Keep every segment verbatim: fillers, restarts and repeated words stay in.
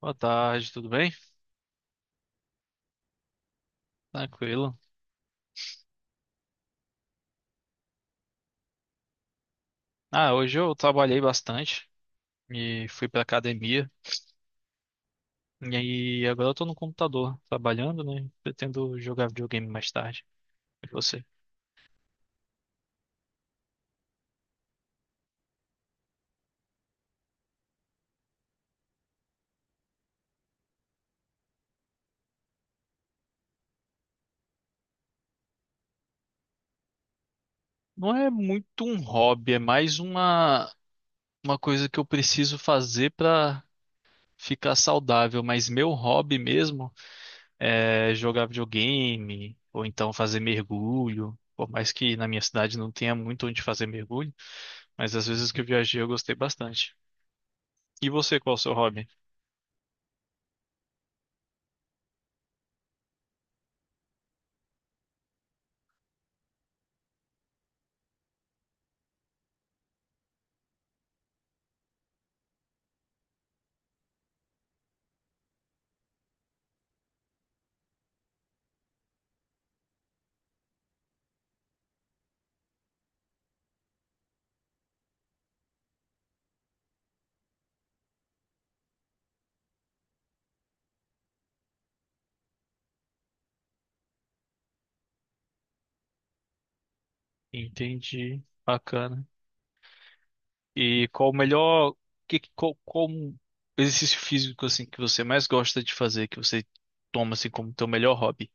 Boa tarde, tudo bem? Tranquilo. Ah, hoje eu trabalhei bastante e fui pra academia. E aí agora eu tô no computador trabalhando, né? Pretendo jogar videogame mais tarde. E você? Não é muito um hobby, é mais uma, uma coisa que eu preciso fazer pra ficar saudável. Mas meu hobby mesmo é jogar videogame ou então fazer mergulho. Por mais que na minha cidade não tenha muito onde fazer mergulho, mas às vezes que eu viajei eu gostei bastante. E você, qual é o seu hobby? Entendi. Bacana. E qual o melhor, que, qual, qual um exercício físico assim que você mais gosta de fazer, que você toma assim como teu melhor hobby?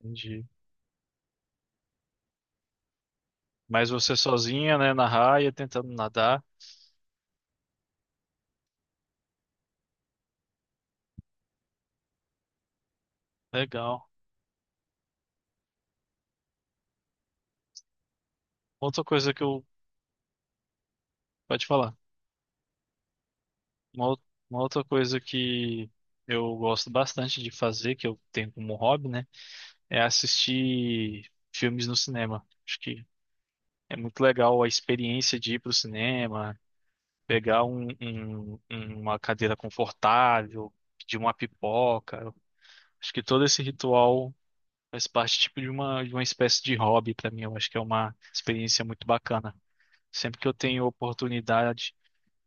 Entendi. Mas você sozinha, né, na raia, tentando nadar. Legal. Outra coisa que eu, pode falar. Uma, ou- uma outra coisa que eu gosto bastante de fazer, que eu tenho como hobby, né, é assistir filmes no cinema. Acho que é muito legal a experiência de ir pro cinema, pegar um, um- um, uma cadeira confortável, pedir uma pipoca. Acho que todo esse ritual faz parte tipo de uma, de uma espécie de hobby para mim. Eu acho que é uma experiência muito bacana. Sempre que eu tenho oportunidade,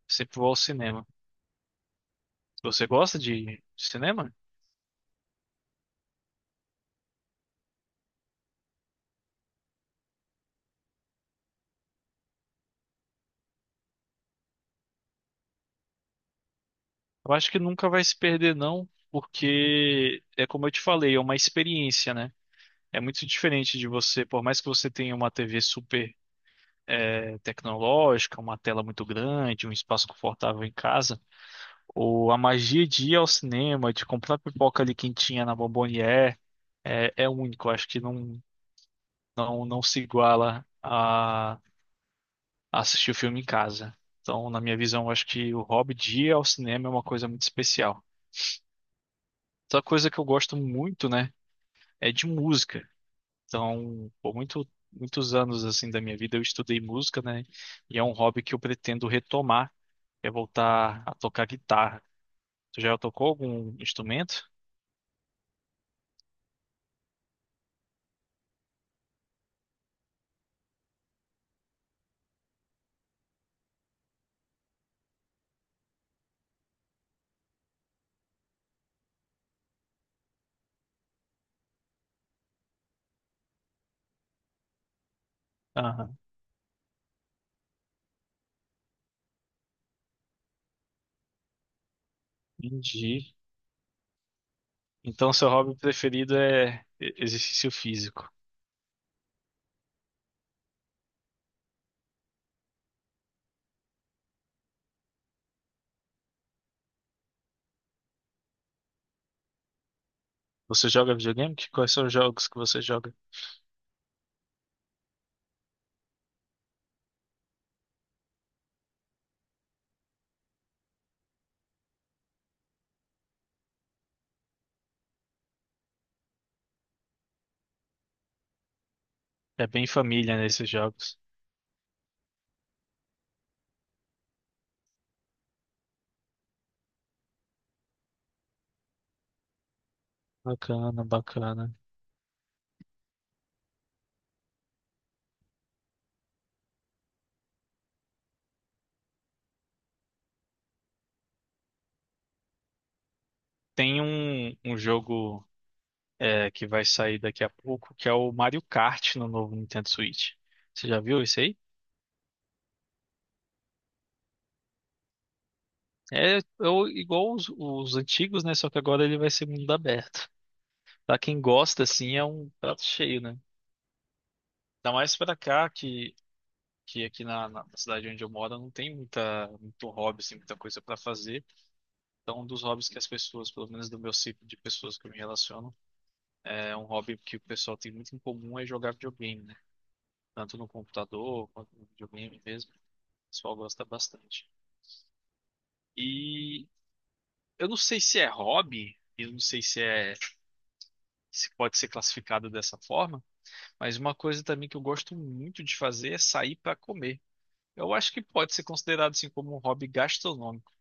sempre vou ao cinema. Você gosta de cinema? Eu acho que nunca vai se perder, não, porque é como eu te falei, é uma experiência, né? É muito diferente de você, por mais que você tenha uma T V super eh, tecnológica, uma tela muito grande, um espaço confortável em casa, ou a magia de ir ao cinema, de comprar pipoca ali quentinha na Bombonier, é, é único. Eu acho que não, não, não se iguala a a assistir o filme em casa. Então, na minha visão, eu acho que o hobby de ir ao cinema é uma coisa muito especial. Outra coisa que eu gosto muito, né, é de música. Então, por muito, muitos anos assim da minha vida eu estudei música, né, e é um hobby que eu pretendo retomar, quer voltar a tocar guitarra. Tu já tocou algum instrumento? Aham, entendi. Então, seu hobby preferido é e- exercício físico. Você joga videogame? Que- Quais são os jogos que você joga? É bem família nesses jogos. Bacana, bacana. Tem um, um jogo é, que vai sair daqui a pouco, que é o Mario Kart no novo Nintendo Switch. Você já viu isso aí? É, é o- igual os, os antigos, né? Só que agora ele vai ser mundo aberto. Pra quem gosta, assim, é um prato cheio, né? Ainda mais pra cá, que, que aqui na, na cidade onde eu moro não tem muita, muito hobby, assim, muita coisa pra fazer. Então, um dos hobbies que as pessoas, pelo menos do meu ciclo de pessoas que eu me relaciono, é um hobby que o pessoal tem muito em comum é jogar videogame, né? Tanto no computador quanto no videogame mesmo. O pessoal gosta bastante. E eu não sei se é hobby, eu não sei se é, se pode ser classificado dessa forma, mas uma coisa também que eu gosto muito de fazer é sair pra comer. Eu acho que pode ser considerado assim como um hobby gastronômico.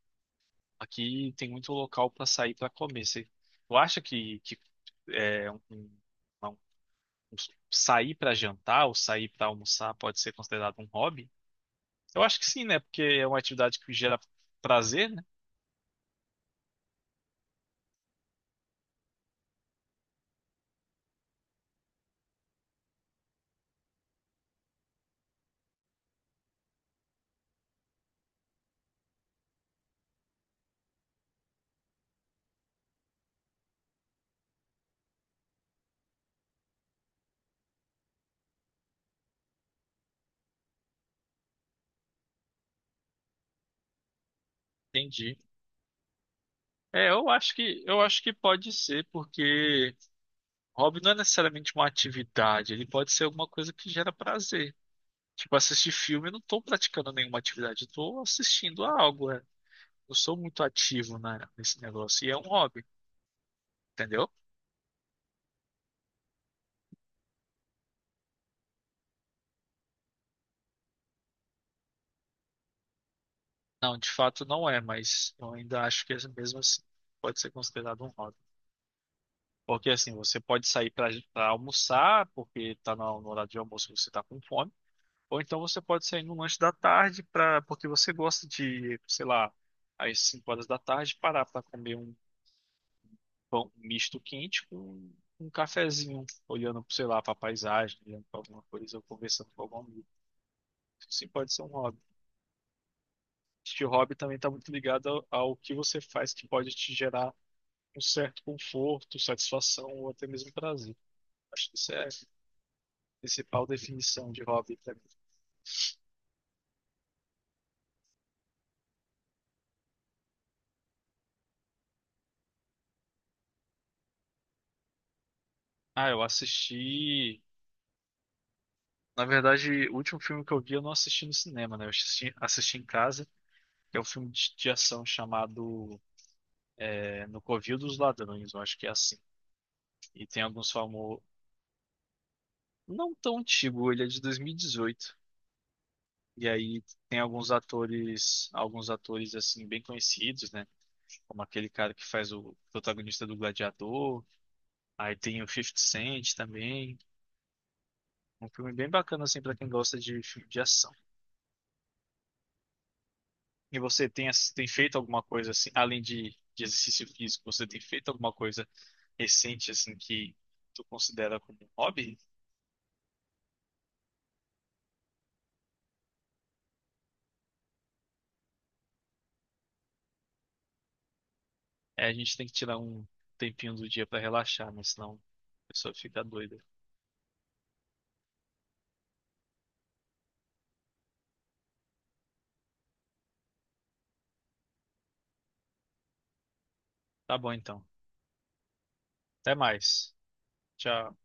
Aqui tem muito local para sair para comer. Você, tu acha que, que é, um, um- um- sair para jantar ou sair para almoçar pode ser considerado um hobby? Eu acho que sim, né? Porque é uma atividade que gera prazer, né? Entendi. É, eu acho que eu acho que pode ser, porque hobby não é necessariamente uma atividade, ele pode ser alguma coisa que gera prazer. Tipo, assistir filme, eu não tô praticando nenhuma atividade, eu tô assistindo a algo, né? Eu sou muito ativo na- nesse negócio e é um hobby, entendeu? Não, de fato não é, mas eu ainda acho que é mesmo assim pode ser considerado um hobby. Porque assim, você pode sair para almoçar, porque tá na- no horário de almoço e você tá com fome, ou então você pode sair no lanche da tarde para porque você gosta de, sei lá, às cinco horas da tarde parar para comer um pão misto quente com um cafezinho, olhando, sei lá, para paisagem, olhando para alguma coisa ou conversando com algum amigo. Isso sim pode ser um hobby. Este hobby também está muito ligado ao, ao que você faz que pode te gerar um certo conforto, satisfação ou até mesmo prazer. Acho que isso é a principal definição de hobby pra mim. Ah, eu assisti. Na verdade, o último filme que eu vi eu não assisti no cinema, né? Eu assisti, assisti em casa. É um filme de, de ação chamado é, No Covil dos Ladrões, eu acho que é assim. E tem alguns famosos. Não tão antigo, ele é de dois mil e dezoito. E dezoito. E aí tem alguns atores, alguns atores assim bem conhecidos, né? Como aquele cara que faz o protagonista do Gladiador, aí tem o Fifty Cent também. Um filme bem bacana, assim, pra quem gosta de filme de ação. E você tem, ass- tem feito alguma coisa, assim, além de, de exercício físico, você tem feito alguma coisa recente, assim, que tu considera como um hobby? É, a gente tem que tirar um tempinho do dia pra relaxar, né? Senão a pessoa fica doida. Tá bom, então. Até mais. Tchau.